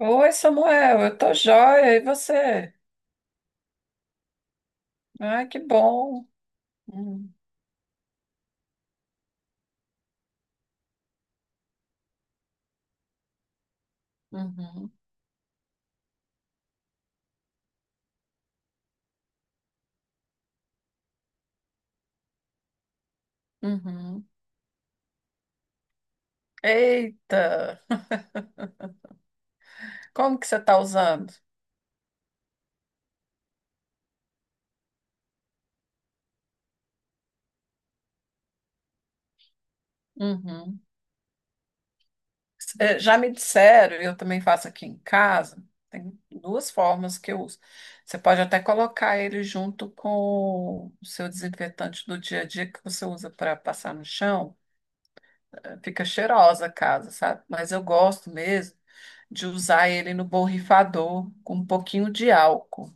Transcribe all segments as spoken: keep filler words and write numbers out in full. Oi, Samuel, eu tô joia, e você? Ai, que bom. Hum. Uhum. Uhum. Eita, como que você tá usando? Uhum. Eh, Já me disseram, e eu também faço aqui em casa, tem duas formas que eu uso. Você pode até colocar ele junto com o seu desinfetante do dia a dia que você usa para passar no chão. Eh, Fica cheirosa a casa, sabe? Mas eu gosto mesmo de usar ele no borrifador com um pouquinho de álcool.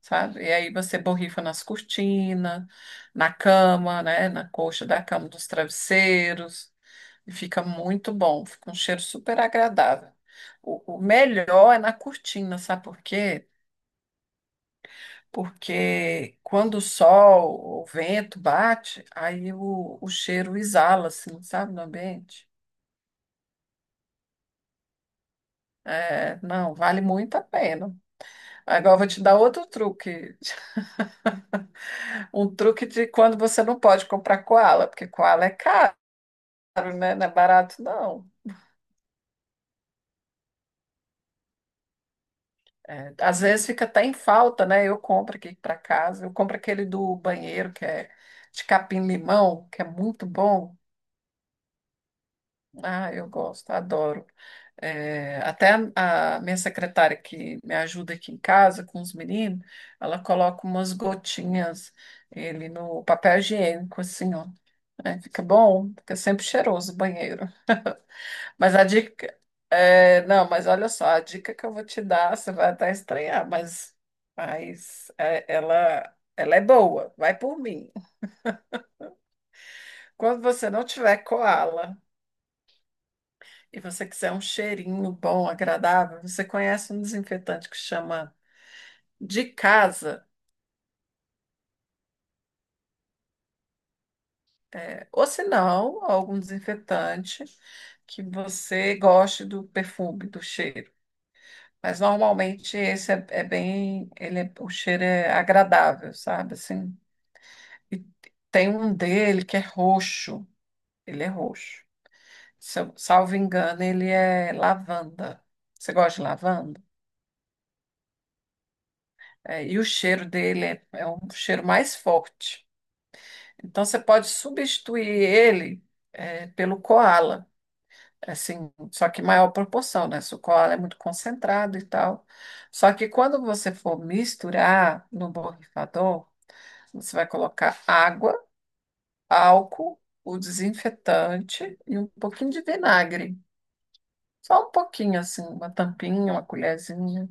Sabe? E aí você borrifa nas cortinas, na cama, né? Na coxa da cama, dos travesseiros. E fica muito bom, fica um cheiro super agradável. O, o melhor é na cortina, sabe por quê? Porque quando o sol, o vento bate, aí o, o cheiro exala, assim, sabe, no ambiente. É, não, vale muito a pena. Agora eu vou te dar outro truque. Um truque de quando você não pode comprar koala, porque koala é caro. Caro, né? Não é barato, não. É, às vezes fica até em falta, né? Eu compro aqui para casa. Eu compro aquele do banheiro, que é de capim-limão, que é muito bom. Ah, eu gosto, adoro. É, até a, a minha secretária que me ajuda aqui em casa com os meninos, ela coloca umas gotinhas ele no papel higiênico, assim, ó. É, fica bom, fica sempre cheiroso o banheiro. Mas a dica. É, não, mas olha só, a dica que eu vou te dar, você vai até estranhar, mas, mas é, ela, ela é boa, vai por mim. Quando você não tiver koala e você quiser um cheirinho bom, agradável, você conhece um desinfetante que chama de casa, é, ou se não, algum desinfetante que você goste do perfume, do cheiro. Mas normalmente esse é, é bem, ele é- o cheiro é agradável, sabe? Assim, e tem um dele que é roxo. Ele é roxo. Se eu- Salvo engano, ele é lavanda. Você gosta de lavanda? É, e o cheiro dele é, é um cheiro mais forte. Então você pode substituir ele é, pelo coala. Assim, só que maior proporção, né? Se o coala é muito concentrado e tal. Só que quando você for misturar no borrifador, você vai colocar água, álcool, o desinfetante e um pouquinho de vinagre. Só um pouquinho, assim, uma tampinha, uma colherzinha,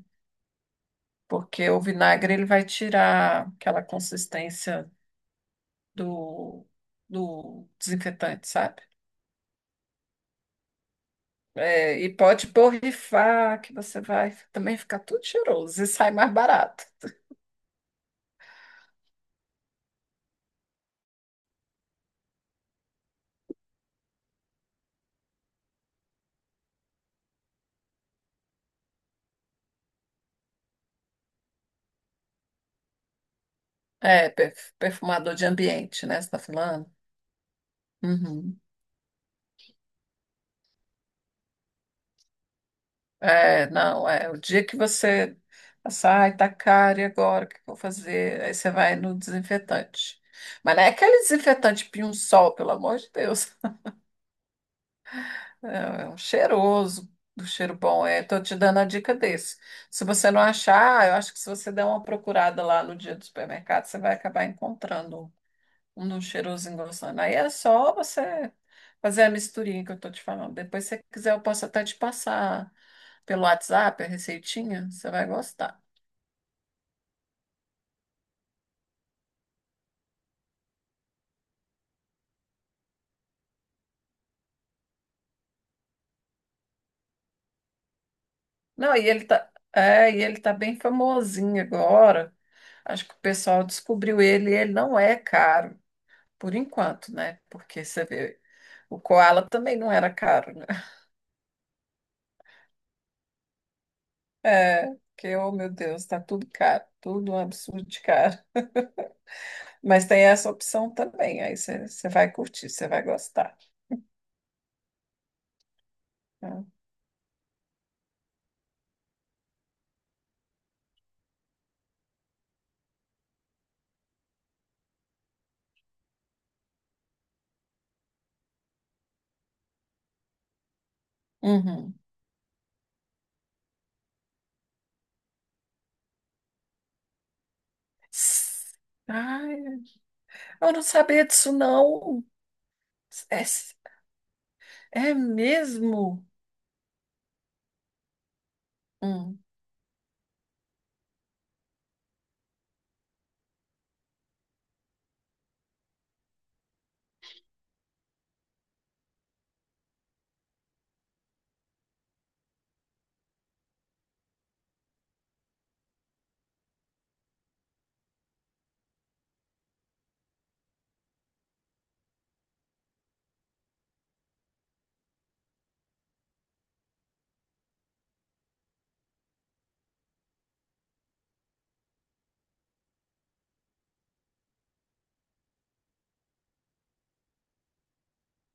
porque o vinagre ele vai tirar aquela consistência do, do desinfetante, sabe? É, e pode borrifar, que você vai também ficar tudo cheiroso e sai mais barato. É, perf- perfumador de ambiente, né? Você tá falando? Uhum. É, não, é o dia que você passar, ai, tá caro, e agora o que que eu vou fazer? Aí você vai no desinfetante. Mas não é aquele desinfetante pinho-sol, pelo amor de Deus. É, é um cheiroso, do cheiro bom. É, tô te dando a dica desse. Se você não achar, eu acho que se você der uma procurada lá no dia do supermercado, você vai acabar encontrando um de um cheirosinho gostando. Aí é só você fazer a misturinha que eu tô te falando. Depois, se você quiser, eu posso até te passar pelo WhatsApp a receitinha, você vai gostar. Não, e ele tá, é, e ele tá bem famosinho agora. Acho que o pessoal descobriu ele e ele não é caro. Por enquanto, né? Porque você vê, o Koala também não era caro, né? É, que, oh meu Deus, tá tudo caro, tudo um absurdo de caro. Mas tem essa opção também, aí você você vai curtir, você vai gostar. Né? Uhum. S- Ai, eu não sabia disso, não. É, s- É mesmo? Hum.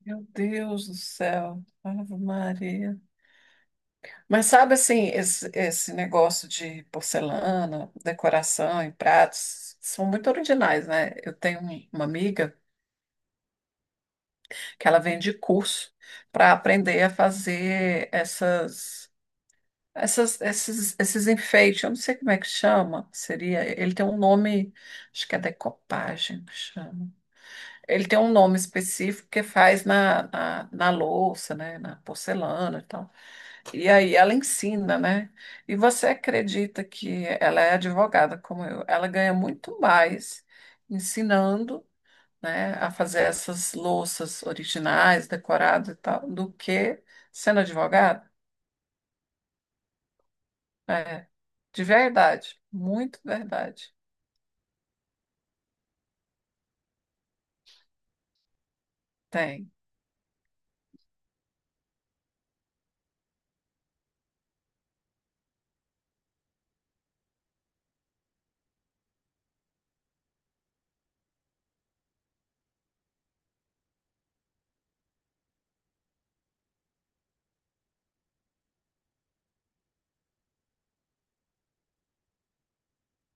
Meu Deus do céu, Ave Maria. Mas sabe assim, esse, esse negócio de porcelana, decoração e pratos são muito originais, né? Eu tenho um- uma amiga que ela vende curso para aprender a fazer essas, essas, esses, esses enfeites. Eu não sei como é que chama. Seria, ele tem um nome, acho que é decopagem que chama. Ele tem um nome específico que faz na, na, na louça, né? Na porcelana e tal. E aí ela ensina, né? E você acredita que ela é advogada como eu? Ela ganha muito mais ensinando, né, a fazer essas louças originais, decoradas e tal, do que sendo advogada? É, de verdade, muito verdade. Tem.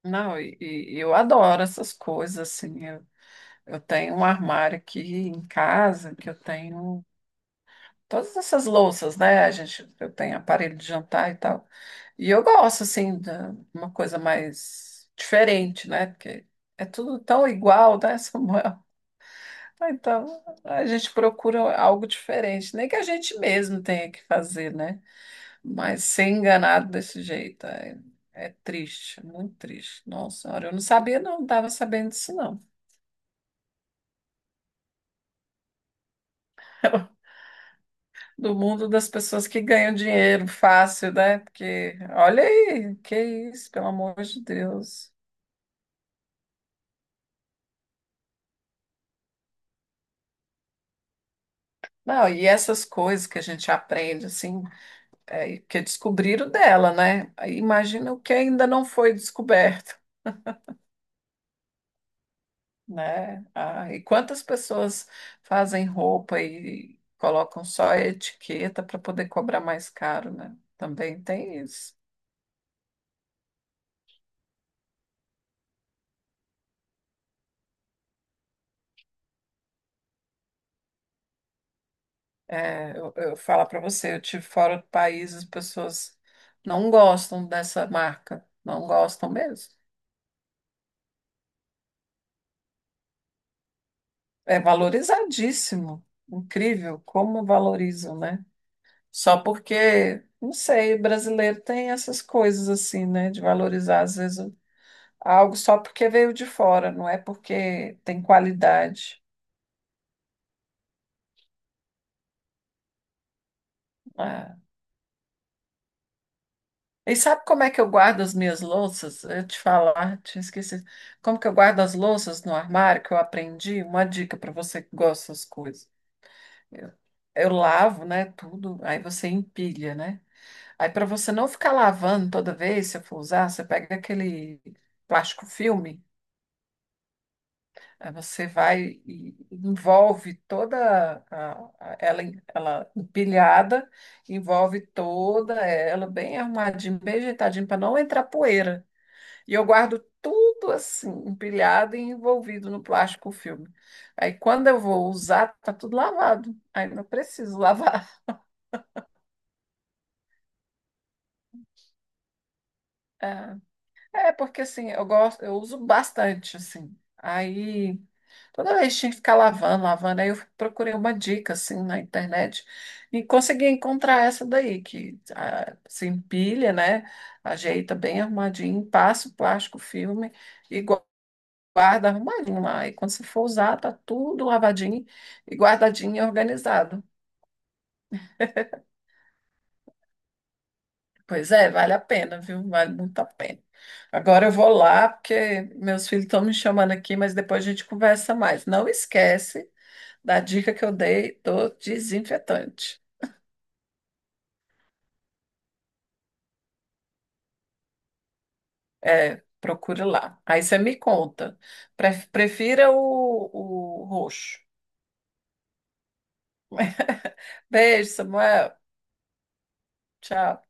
Não, e, e eu adoro essas coisas, assim. Eu, eu tenho um armário aqui em casa que eu tenho todas essas louças, né? A gente, eu tenho aparelho de jantar e tal. E eu gosto, assim, de uma coisa mais diferente, né? Porque é tudo tão igual, né, Samuel? Ah, então, a gente procura algo diferente, nem que a gente mesmo tenha que fazer, né? Mas ser enganado desse jeito é, é triste, muito triste. Nossa senhora, eu não sabia, não, não estava sabendo disso, não. Do mundo das pessoas que ganham dinheiro fácil, né? Porque olha aí, que isso, pelo amor de Deus. Não, e essas coisas que a gente aprende, assim, é, que descobriram dela, né? Aí imagina o que ainda não foi descoberto, né? Ah, e quantas pessoas fazem roupa e colocam só a etiqueta para poder cobrar mais caro, né? Também tem isso. É, eu, eu falo para você, eu tive fora do país, as pessoas não gostam dessa marca, não gostam mesmo. É valorizadíssimo, incrível como valorizam, né? Só porque, não sei, brasileiro tem essas coisas assim, né? De valorizar às vezes algo só porque veio de fora, não é porque tem qualidade. Né? E sabe como é que eu guardo as minhas louças? Eu te falar, tinha esquecido. Como que eu guardo as louças no armário que eu aprendi? Uma dica para você que gosta dessas coisas. Eu, eu lavo, né, tudo, aí você empilha, né? Aí para você não ficar lavando toda vez, se eu for usar, você pega aquele plástico filme, aí você vai e envolve toda a- a- ela, em- ela empilhada, envolve toda ela bem arrumadinha, bem ajeitadinha para não entrar poeira. E eu guardo tudo assim, empilhado e envolvido no plástico filme. Aí quando eu vou usar, tá tudo lavado. Aí não preciso lavar. É, é, porque assim, eu gosto, eu uso bastante assim. Aí toda vez tinha que ficar lavando, lavando. Aí eu procurei uma dica assim na internet e consegui encontrar essa daí que ah, se empilha, né? Ajeita bem arrumadinho, passa o plástico filme e guarda arrumadinho lá. E quando você for usar, tá tudo lavadinho e guardadinho e organizado. Pois é, vale a pena, viu? Vale muito a pena. Agora eu vou lá, porque meus filhos estão me chamando aqui, mas depois a gente conversa mais. Não esquece da dica que eu dei do desinfetante. É, procure lá. Aí você me conta. Pre- Prefira o, o roxo. Beijo, Samuel. Tchau.